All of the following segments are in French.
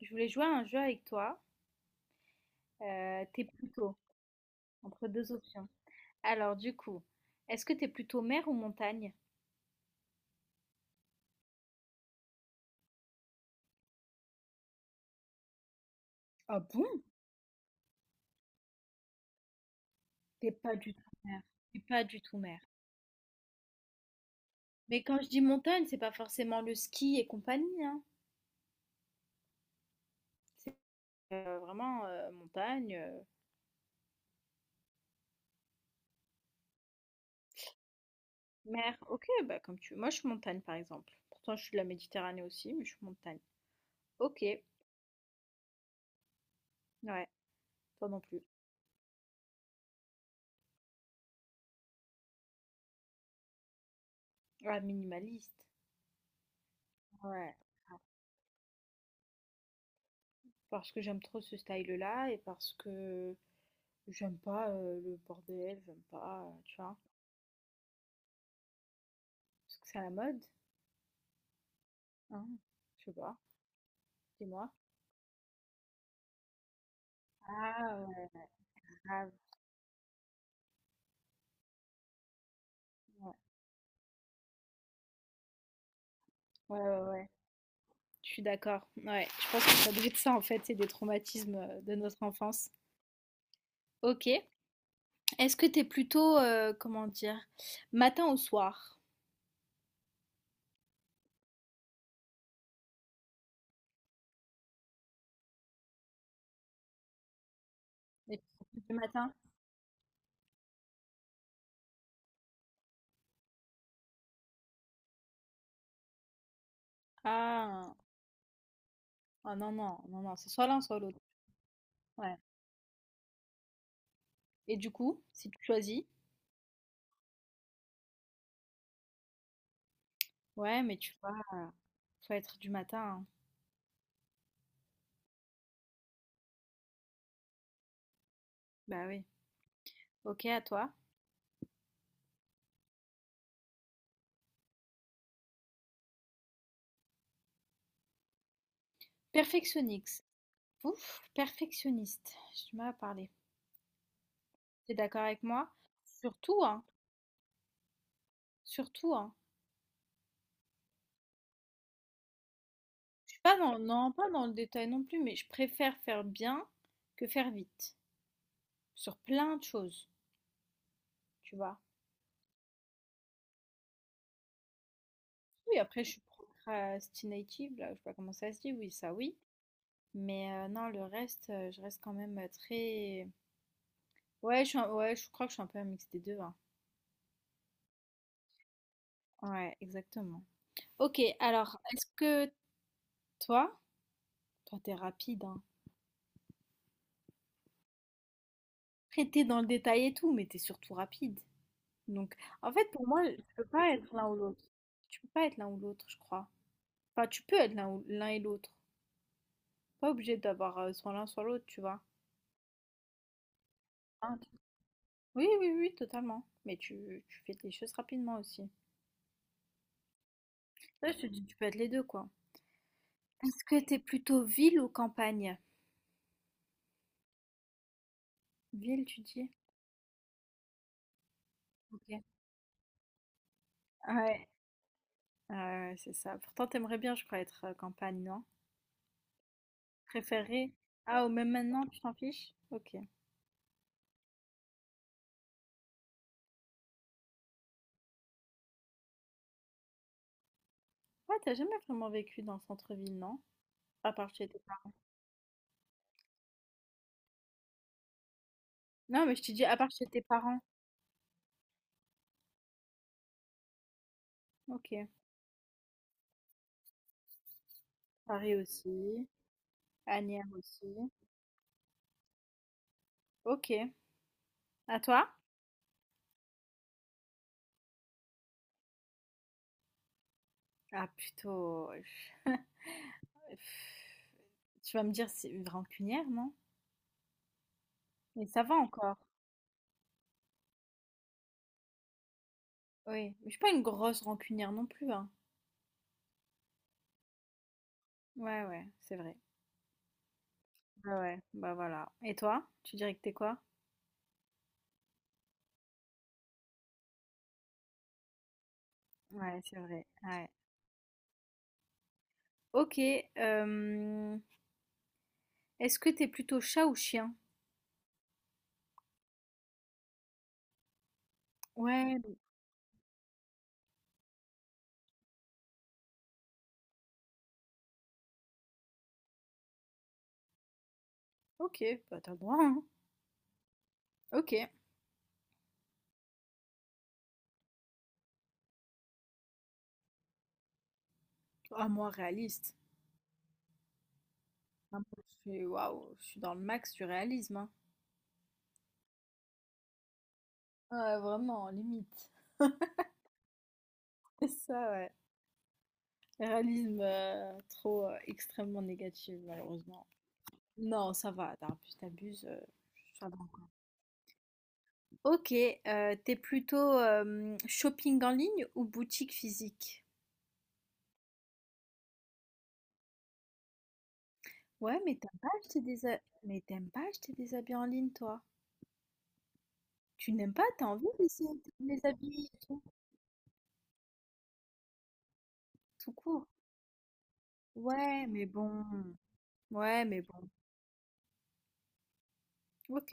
Je voulais jouer à un jeu avec toi. T'es plutôt entre deux options. Alors, du coup, est-ce que t'es plutôt mer ou montagne? Ah bon? T'es pas du tout mer. T'es pas du tout mer. Mais quand je dis montagne, c'est pas forcément le ski et compagnie, hein. C'est vraiment montagne, mer. Ok, bah comme tu veux. Moi, je suis montagne, par exemple. Pourtant, je suis de la Méditerranée aussi, mais je suis montagne. Ok, ouais, toi non plus. Ah, minimaliste. Ouais. Parce que j'aime trop ce style-là, et parce que j'aime pas, le bordel, j'aime pas, tu vois? Parce que c'est à la mode, hein? Je sais pas, dis-moi? Ah ouais, grave, ouais. Ouais, ouais, ouais, je suis d'accord. Ouais, je pense que ça doit être ça en fait, c'est des traumatismes, de notre enfance. OK. Est-ce que t'es plutôt, comment dire? Matin ou soir? Et tu matin? Ah! Ah non, non, non, non, c'est soit l'un soit l'autre. Ouais. Et du coup, si tu choisis? Ouais, mais tu vois, faut être du matin, hein. Bah oui. OK, à toi? Perfectionnix Ouf, perfectionniste, j'ai du mal à parler. T'es d'accord avec moi? Surtout, hein, surtout, hein. Je suis pas dans, non, pas dans le détail non plus, mais je préfère faire bien que faire vite, sur plein de choses, tu vois. Oui, après, je suis procrastinative, là, je sais pas comment ça se dit, oui, ça, oui. Mais non, le reste, je reste quand même très... Ouais, ouais, je crois que je suis un peu un mix des deux, hein. Ouais, exactement. Ok, alors, est-ce que toi, toi, t'es rapide, hein. Après, t'es dans le détail et tout, mais t'es surtout rapide. Donc, en fait, pour moi, tu peux pas être l'un ou l'autre. Tu peux pas être l'un ou l'autre, je crois. Enfin, tu peux être l'un et l'autre. Pas obligé d'avoir soit l'un, soit l'autre, tu vois. Hein. Oui, oui, oui, totalement. Mais tu fais des choses rapidement aussi. Là, je te dis, tu peux être les deux, quoi. Est-ce que t'es plutôt ville ou campagne? Ville, tu dis? Ok. Ouais, ouais, c'est ça. Pourtant, t'aimerais bien, je crois, être campagne, non? Préféré? Ah, ou même maintenant, tu t'en fiches? Ok. Ouais, t'as jamais vraiment vécu dans le centre-ville, non? À part chez tes... Non, mais je te dis, à part chez tes parents. Ok. Paris aussi. Asnières aussi. Ok. À toi? Ah, plutôt... pff, Tu vas me dire, c'est une rancunière, non? Mais ça va encore. Oui. Mais je suis pas une grosse rancunière non plus, hein. Ouais, ouais, c'est vrai. Bah ouais, bah voilà. Et toi? Tu dirais que t'es quoi? Ouais, c'est vrai. Ouais. Ok. euh, Est-ce que t'es plutôt chat ou chien? Ouais. Ok, bah t'as le droit, hein. Ok. Ah, moi, réaliste. Ah, moi, je suis, waouh, je suis dans le max du réalisme, hein. Ouais, vraiment, limite. C'est ça, ouais. Réalisme trop extrêmement négatif, malheureusement. Non, ça va, t'abuses, t'abuses. Ça va encore. Ok, t'es plutôt shopping en ligne ou boutique physique? Ouais, mais t'aimes pas acheter des habits en ligne, toi. Tu n'aimes pas, t'as envie d'essayer les habits et tout, tout court. Ouais, mais bon. Ouais, mais bon. Ok.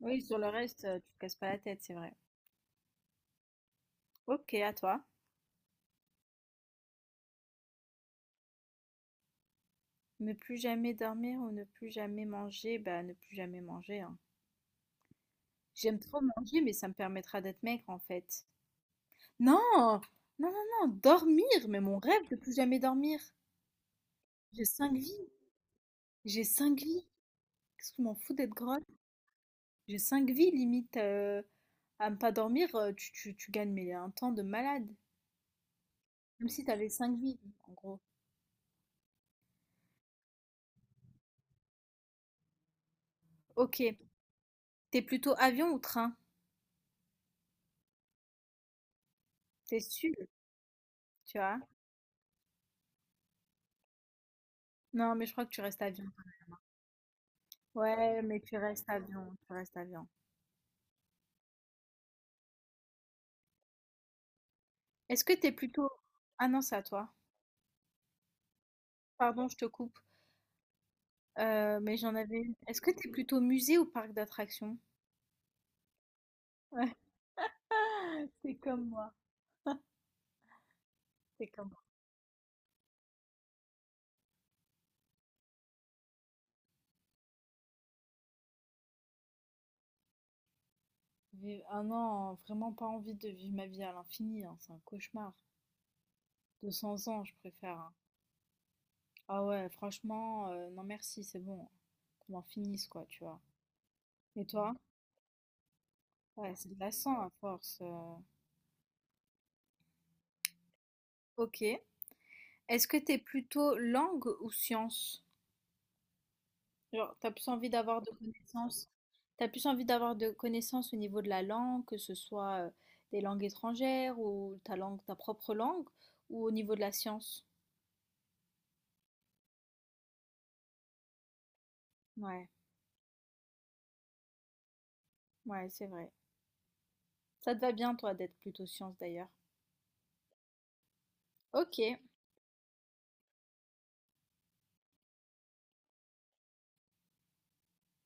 Oui, sur le reste, tu te casses pas la tête, c'est vrai. Ok, à toi. Ne plus jamais dormir ou ne plus jamais manger, bah ne plus jamais manger, hein. J'aime trop manger, mais ça me permettra d'être maigre en fait. Non, non, non, non, dormir, mais mon rêve de plus jamais dormir. J'ai cinq vies, j'ai cinq vies. Qu'est-ce que je m'en fous d'être grosse? J'ai cinq vies, limite à ne pas dormir, tu gagnes mais un temps de malade. Comme si t'avais cinq vies, en gros. Ok, t'es plutôt avion ou train? T'es sûr, tu vois? Non, mais je crois que tu restes avion. Ouais, mais tu restes avion, tu restes avion. Est-ce que t'es plutôt... Ah non, c'est à toi. Pardon, je te coupe. Mais j'en avais une. Est-ce que t'es plutôt musée ou parc d'attractions? Ouais, c'est comme moi, c'est comme moi. Ah non, vraiment pas envie de vivre ma vie à l'infini, hein, c'est un cauchemar. 200 ans, je préfère, hein. Ah ouais, franchement, non merci, c'est bon. Qu'on en finisse, quoi, tu vois. Et toi? Ouais, c'est glaçant à force. Ok. Est-ce que t'es plutôt langue ou science? Genre, t'as plus envie d'avoir de connaissances, t'as plus envie d'avoir de connaissances au niveau de la langue, que ce soit des langues étrangères ou ta langue, ta propre langue, ou au niveau de la science. Ouais, ouais, c'est vrai. Ça te va bien, toi, d'être plutôt science d'ailleurs. Ok,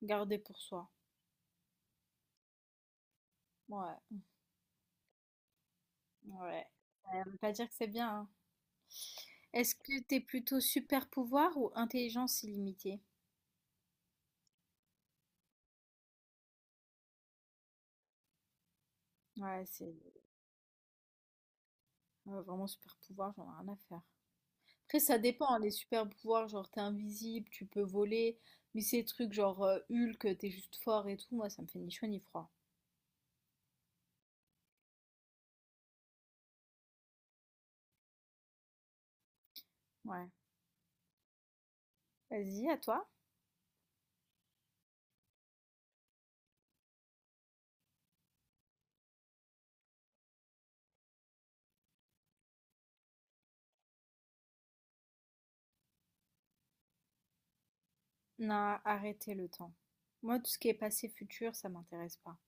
garder pour soi. Ouais, ouais. Ça veut pas dire que c'est bien, hein. Est-ce que t'es plutôt super pouvoir ou intelligence illimitée? Ouais, vraiment super pouvoir, j'en ai rien à faire. Après, ça dépend, hein, les super pouvoirs, genre t'es invisible, tu peux voler, mais ces trucs genre Hulk, t'es juste fort et tout, moi ça me fait ni chaud ni froid. Ouais. Vas-y, à toi. Non, arrêtez le temps. Moi, tout ce qui est passé, futur, ça m'intéresse pas.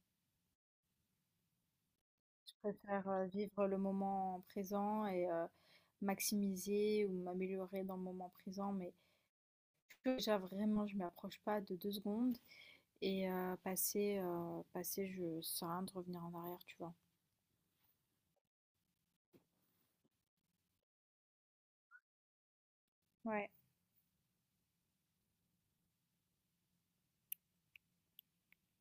Je préfère vivre le moment présent et maximiser ou m'améliorer dans le moment présent, mais futur, déjà vraiment, je m'approche pas de 2 secondes et passer, passer, je sais rien de revenir en arrière, tu vois. Ouais.